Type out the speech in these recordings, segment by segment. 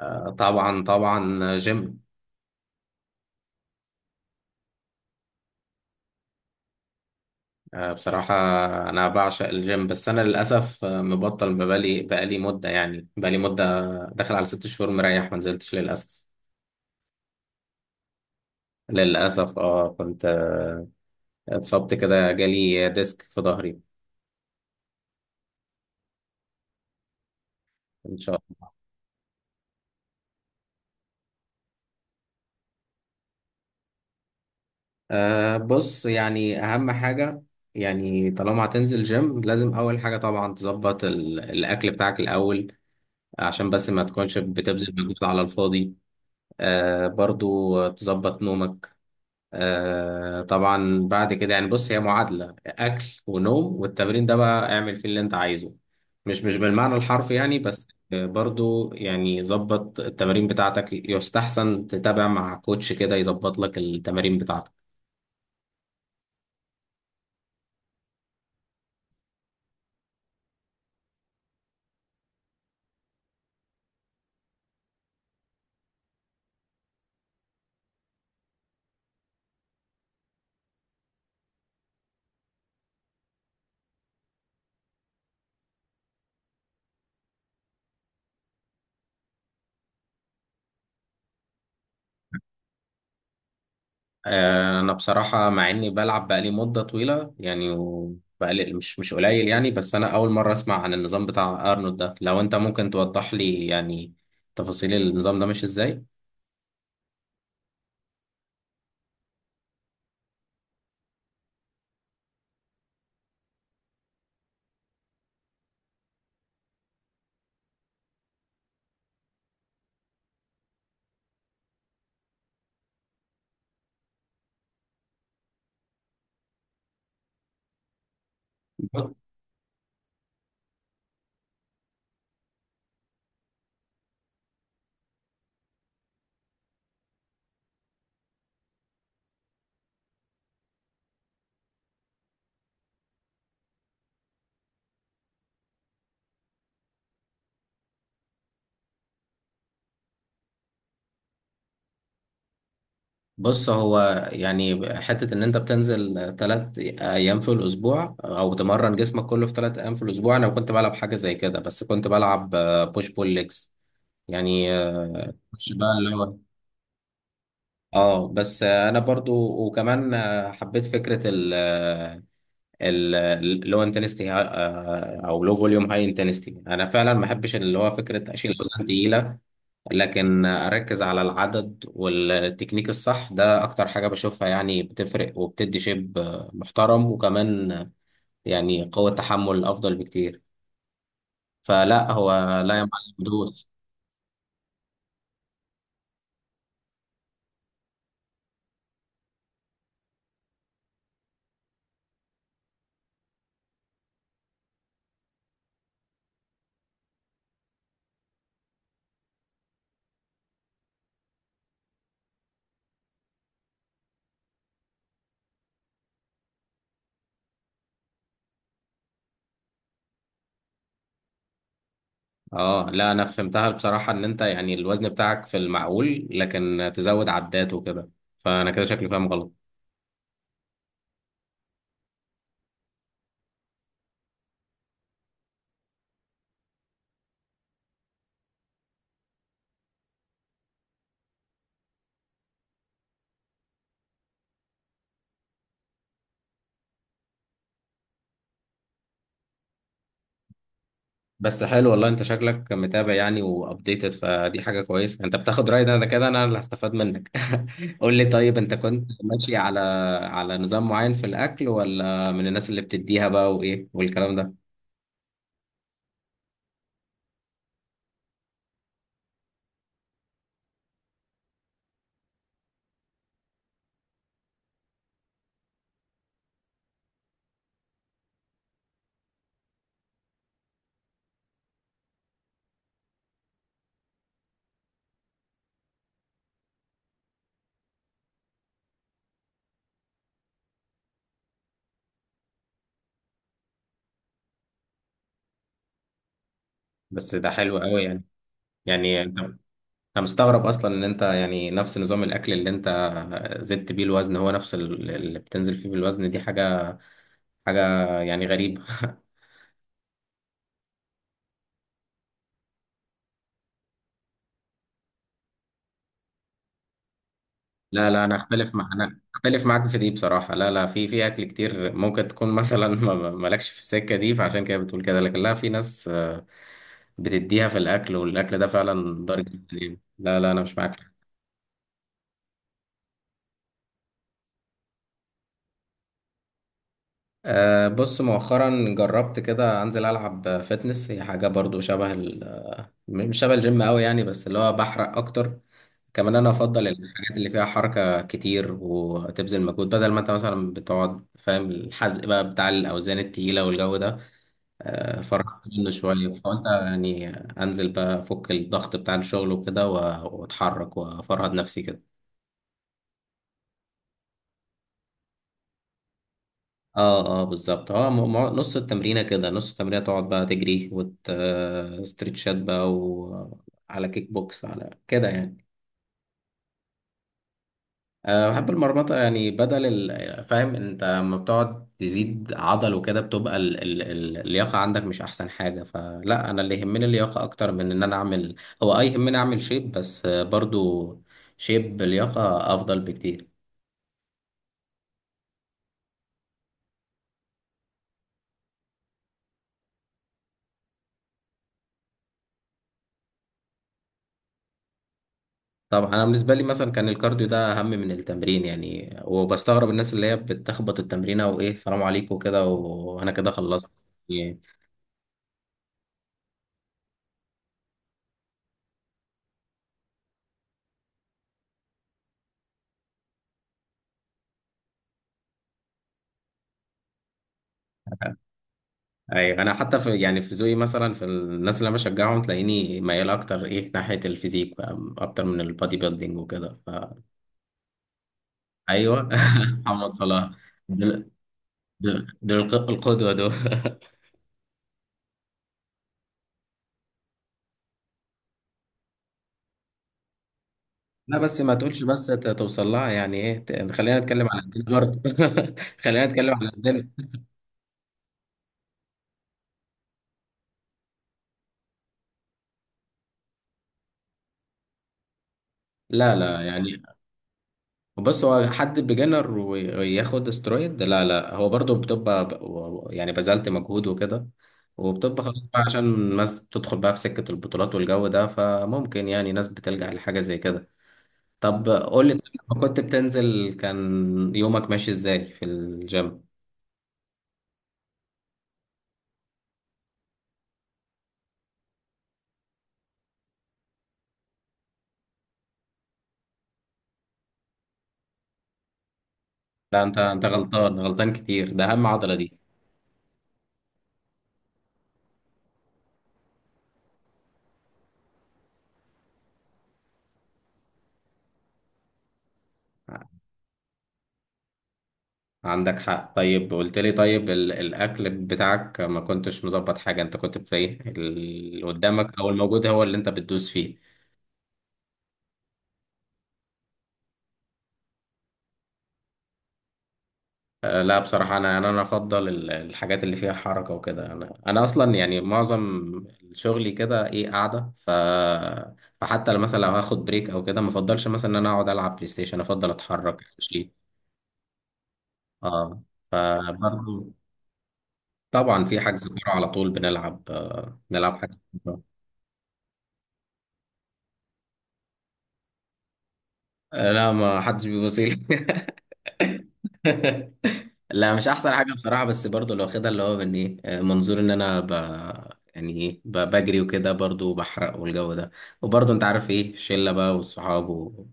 طبعا طبعا جيم. بصراحة، أنا بعشق الجيم بس أنا للأسف مبطل بقالي مدة، يعني بقالي مدة داخل على 6 شهور مريح ما نزلتش للأسف. للأسف كنت اتصبت كده، جالي ديسك في ظهري. إن شاء الله. بص، يعني أهم حاجة، يعني طالما هتنزل جيم لازم أول حاجة طبعا تظبط الأكل بتاعك الأول، عشان بس ما تكونش بتبذل مجهود على الفاضي. برضو تظبط نومك. طبعا بعد كده، يعني بص، هي معادلة أكل ونوم، والتمرين ده بقى اعمل فيه اللي أنت عايزه. مش بالمعنى الحرفي يعني بس. برضو يعني ظبط التمارين بتاعتك، يستحسن تتابع مع كوتش كده يظبط لك التمارين بتاعتك. أنا بصراحة مع إني بلعب بقالي مدة طويلة يعني، وبقالي مش قليل يعني، بس أنا أول مرة أسمع عن النظام بتاع أرنولد ده، لو أنت ممكن توضح لي يعني تفاصيل النظام ده ماشي إزاي. بص هو يعني حتة إن أنت بتنزل 3 أيام في الأسبوع، أو تمرن جسمك كله في 3 أيام في الأسبوع، أنا كنت بلعب حاجة زي كده بس كنت بلعب بوش بول ليجز. يعني مش بقى اللي هو. اه بس انا برضو، وكمان حبيت فكره ال اللو انتنستي او لو فوليوم هاي انتنستي، انا فعلا ما بحبش اللي هو فكره اشيل اوزان تقيله، لكن اركز على العدد والتكنيك الصح، ده اكتر حاجة بشوفها يعني بتفرق وبتدي شيب محترم، وكمان يعني قوة تحمل افضل بكتير. فلا هو، لا يا معلم دوس. اه لا، انا فهمتها بصراحة، ان انت يعني الوزن بتاعك في المعقول لكن تزود عدات وكده، فانا كده شكلي فاهم غلط. بس حلو والله، انت شكلك متابع يعني وابديتد، فدي حاجه كويسه، انت بتاخد راي، ده انا كده انا اللي هستفاد منك. قول لي طيب، انت كنت ماشي على نظام معين في الاكل، ولا من الناس اللي بتديها بقى وايه والكلام ده؟ بس ده حلو قوي يعني. يعني انت، انا مستغرب اصلا ان انت يعني نفس نظام الاكل اللي انت زدت بيه الوزن هو نفس اللي بتنزل فيه بالوزن، دي حاجه يعني غريبه. لا، لا، انا اختلف معاك في دي بصراحه. لا، لا، في اكل كتير ممكن تكون مثلا. مالكش في السكه دي، فعشان كده بتقول كده، لكن لا، في ناس بتديها في الاكل، والاكل ده فعلا ضار جدا يعني. لا، لا، انا مش معاك. بص، مؤخرا جربت كده انزل العب فتنس، هي حاجه برضو شبه مش شبه الجيم قوي يعني، بس اللي هو بحرق اكتر. كمان انا افضل الحاجات اللي فيها حركه كتير وتبذل مجهود، بدل ما انت مثلا بتقعد، فاهم، الحزق بقى بتاع الاوزان التقيله والجو ده. فرحت منه شوية، حاولت يعني أنزل بقى أفك الضغط بتاع الشغل وكده، و- وأتحرك وأفرهد نفسي كده. اه، اه، بالظبط. هو نص التمرينة كده نص التمرينة تقعد بقى تجري وتستريتشات بقى، وعلى كيك بوكس على كده يعني. بحب المرمطة يعني، بدل فاهم انت لما بتقعد تزيد عضل وكده، بتبقى ال اللياقة عندك مش احسن حاجة، فلا انا اللي يهمني اللياقة اكتر من ان انا اعمل. هو اي، يهمني اعمل شيب بس برضو شيب بلياقة افضل بكتير. طبعا انا بالنسبة لي مثلا كان الكارديو ده اهم من التمرين يعني، وبستغرب الناس اللي هي بتخبط التمرين وايه، سلام عليكم كده وانا كده خلصت يعني. ايوه، انا حتى في يعني في ذوقي مثلا، في الناس اللي انا بشجعهم تلاقيني ميال اكتر ايه ناحيه الفيزيك بقى اكتر من البادي بيلدينج وكده، ف ايوه. محمد صلاح دول, دول القدوه دول. لا، بس ما تقولش بس توصل لها، يعني ايه، خلينا نتكلم على الدين برضه. خلينا نتكلم على الدين. لا، لا، يعني بص، هو حد بيجنر وياخد استرويد؟ لا، لا، هو برضو بتبقى يعني بذلت مجهود وكده، وبتبقى خلاص بقى، عشان الناس بتدخل بقى في سكة البطولات والجو ده، فممكن يعني ناس بتلجأ لحاجة زي كده. طب قول لي طيب، لما كنت بتنزل كان يومك ماشي ازاي في الجيم؟ لا، انت غلطان غلطان كتير، ده اهم عضلة دي. عندك حق. طيب قلت لي طيب الاكل بتاعك ما كنتش مظبط حاجة، انت كنت في ايه اللي قدامك او الموجود هو اللي انت بتدوس فيه؟ لا بصراحة أنا أفضل الحاجات اللي فيها حركة وكده، أنا أصلا يعني معظم شغلي كده إيه، قاعدة، ف... فحتى لو مثلا لو هاخد بريك أو كده، ما أفضلش مثلا إن أنا أقعد ألعب بلاي ستيشن، أفضل أتحرك أمشي. أه، فبرضه طبعا، في حجز كورة على طول بنلعب حجز كورة. لا، ما حدش بيبص لي. لا، مش احسن حاجه بصراحه، بس برضو لو واخدها اللي هو من ايه، منظور ان انا ب... يعني ايه، ب... بجري وكده، برضو بحرق والجو ده، وبرضو انت عارف ايه، الشله بقى والصحاب و...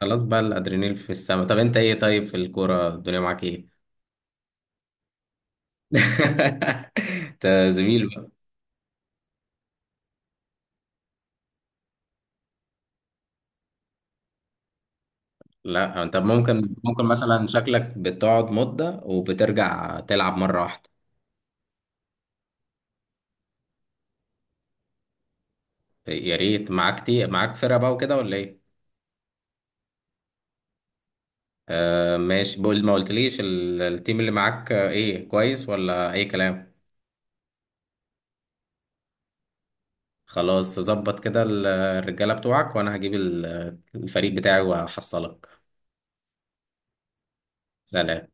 خلاص بقى، الادرينال في السما. طب انت ايه، طيب في الكوره الدنيا معاك ايه؟ انت زميل بقى. لا، طب ممكن مثلا شكلك بتقعد مده وبترجع تلعب مره واحده. يا ريت، معاك فرقه بقى وكده ولا ايه؟ ماشي، بقول ما قلتليش التيم اللي معاك ايه، كويس ولا اي كلام؟ خلاص، ظبط كده الرجالة بتوعك، وانا هجيب الفريق بتاعي وهحصلك. سلام.